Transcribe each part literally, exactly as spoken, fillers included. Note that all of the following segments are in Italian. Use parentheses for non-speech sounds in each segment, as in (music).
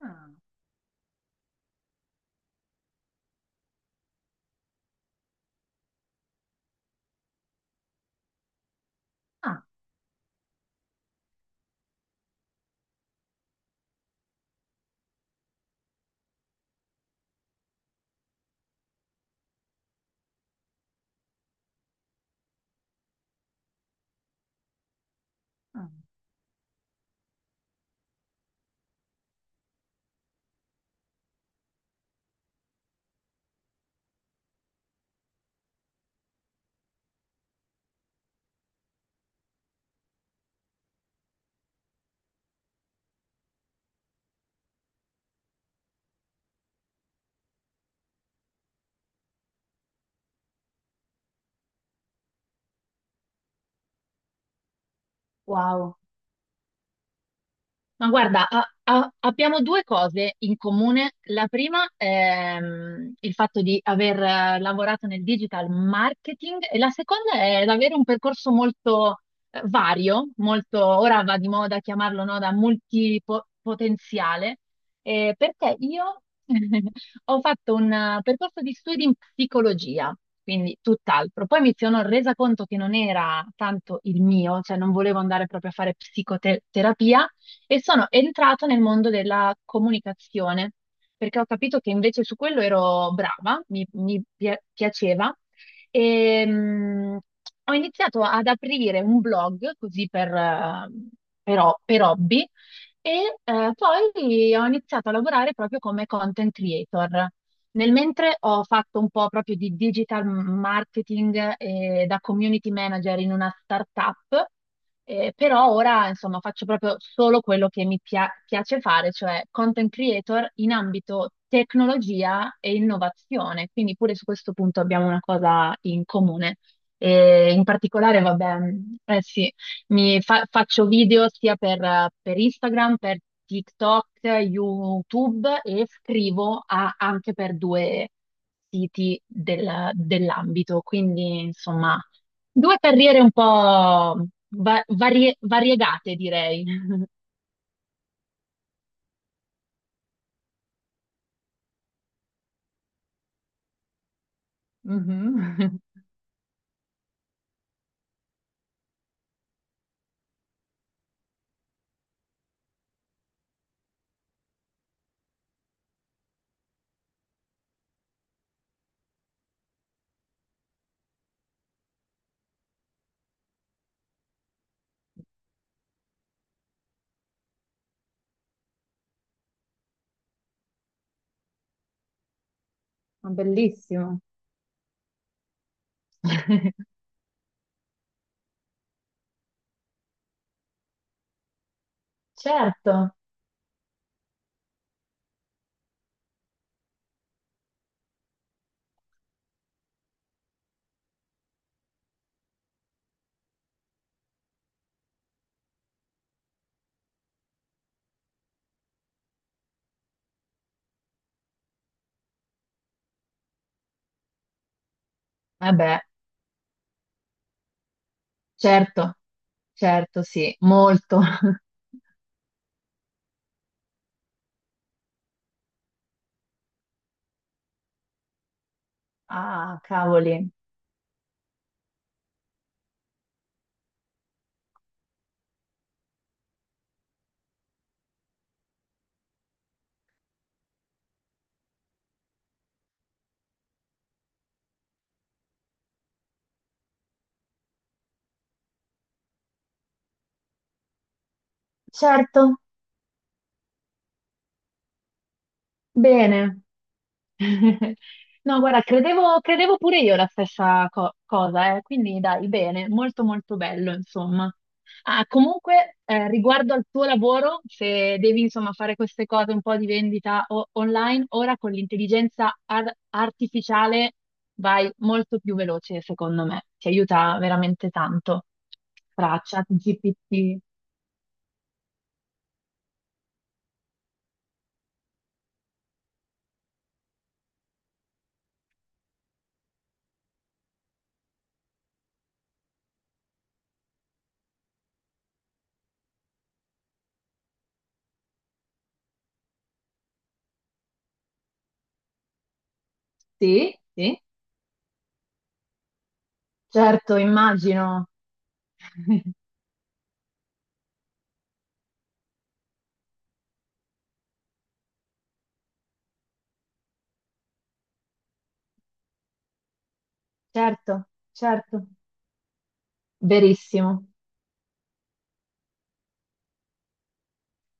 Ah, ah, ah. Wow, ma guarda, a- a- abbiamo due cose in comune. La prima è mm, il fatto di aver eh, lavorato nel digital marketing, e la seconda è avere un percorso molto eh, vario, molto, ora va di moda chiamarlo, no, da multipotenziale, eh, perché io (laughs) ho fatto un eh, percorso di studi in psicologia, quindi tutt'altro. Poi mi sono resa conto che non era tanto il mio, cioè non volevo andare proprio a fare psicoterapia e sono entrata nel mondo della comunicazione, perché ho capito che invece su quello ero brava, mi, mi pia- piaceva, e mm, ho iniziato ad aprire un blog così per, eh, per ho- per hobby e eh, poi ho iniziato a lavorare proprio come content creator. Nel mentre ho fatto un po' proprio di digital marketing eh, da community manager in una startup, eh, però ora insomma faccio proprio solo quello che mi pia- piace fare, cioè content creator in ambito tecnologia e innovazione, quindi pure su questo punto abbiamo una cosa in comune. E in particolare, vabbè, eh sì. Mi fa- faccio video sia per, per Instagram, per TikTok, YouTube, e scrivo a- anche per due siti del- dell'ambito. Quindi, insomma, due carriere un po' va- varie- variegate, direi. (laughs) Mhm. Ma bellissimo. (laughs) Certo, vabbè, certo, certo, sì, molto. (laughs) Ah, cavoli. Certo, bene. (laughs) No, guarda, credevo, credevo pure io la stessa co- cosa, eh. Quindi dai, bene, molto molto bello, insomma. Ah, comunque, eh, riguardo al tuo lavoro, se devi insomma fare queste cose un po' di vendita o- online, ora con l'intelligenza ar- artificiale vai molto più veloce, secondo me. Ti aiuta veramente tanto. Tra G P T. Sì, sì, certo, immagino. (laughs) Certo, certo. Verissimo.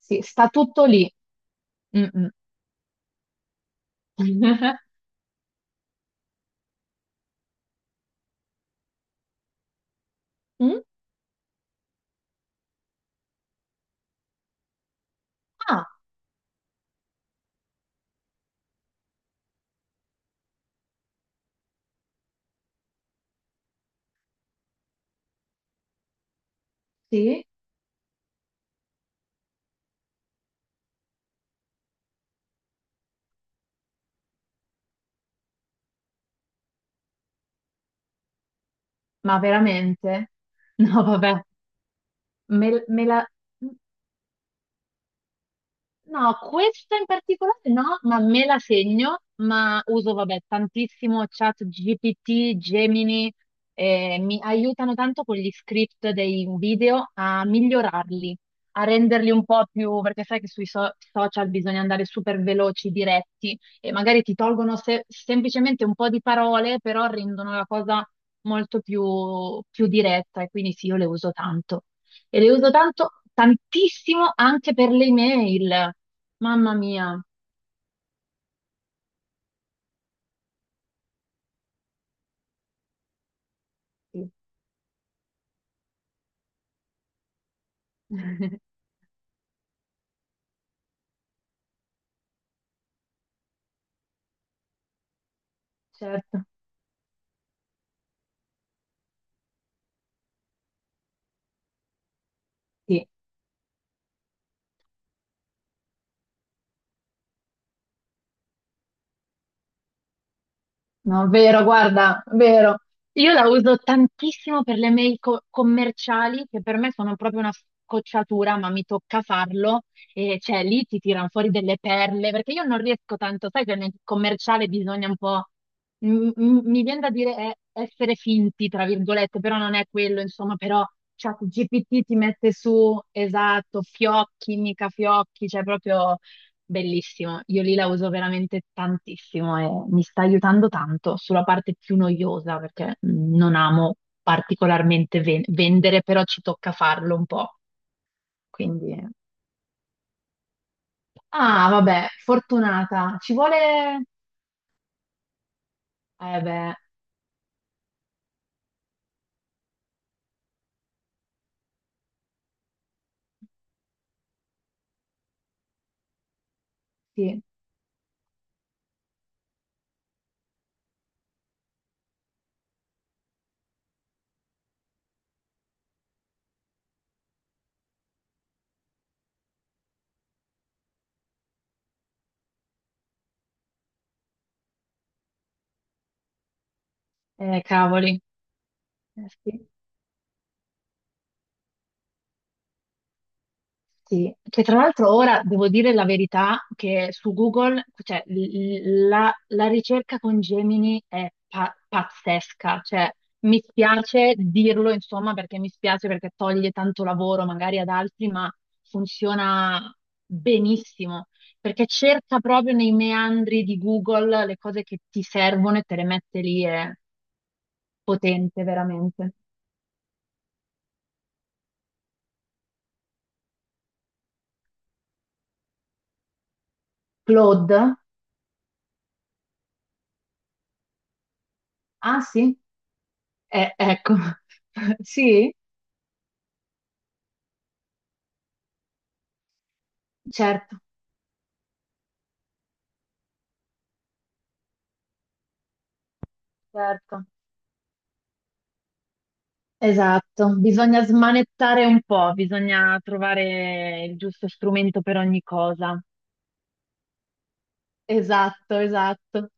Sì, sta tutto lì. Mm, mm. (laughs) Mm? Ah, sì? Ma veramente? (laughs) No, vabbè. Me, me la... No, questa in particolare no, ma me la segno, ma uso, vabbè, tantissimo chat G P T, Gemini, eh, mi aiutano tanto con gli script dei video a migliorarli, a renderli un po' più, perché sai che sui so- social bisogna andare super veloci, diretti, e magari ti tolgono se- semplicemente un po' di parole, però rendono la cosa molto più, più diretta, e quindi sì, io le uso tanto. E le uso tanto, tantissimo anche per le email. Mamma mia. Sì. (laughs) Certo, sì. No, vero, guarda, vero. Io la uso tantissimo per le mail co- commerciali, che per me sono proprio una scocciatura, ma mi tocca farlo. E cioè lì ti tirano fuori delle perle, perché io non riesco tanto, sai che nel commerciale bisogna un po'... m- m- mi viene da dire eh, essere finti, tra virgolette, però non è quello, insomma, però ChatGPT ti mette su, esatto, fiocchi, mica fiocchi, cioè proprio... Bellissimo, io lì la uso veramente tantissimo e mi sta aiutando tanto sulla parte più noiosa perché mhmm, non amo particolarmente ven- vendere, però ci tocca farlo un po'. Quindi, ah, vabbè, fortunata. Ci vuole, eh beh, sì, eh, cavoli, eh, sì. Sì, che tra l'altro ora devo dire la verità che su Google, cioè, l- la, la ricerca con Gemini è pa- pazzesca, cioè mi spiace dirlo insomma perché mi spiace perché toglie tanto lavoro magari ad altri, ma funziona benissimo perché cerca proprio nei meandri di Google le cose che ti servono e te le mette lì, è potente veramente. Claude? Ah sì? Eh, ecco, (laughs) sì, certo. Certo, esatto, bisogna smanettare un po', bisogna trovare il giusto strumento per ogni cosa. Esatto, esatto.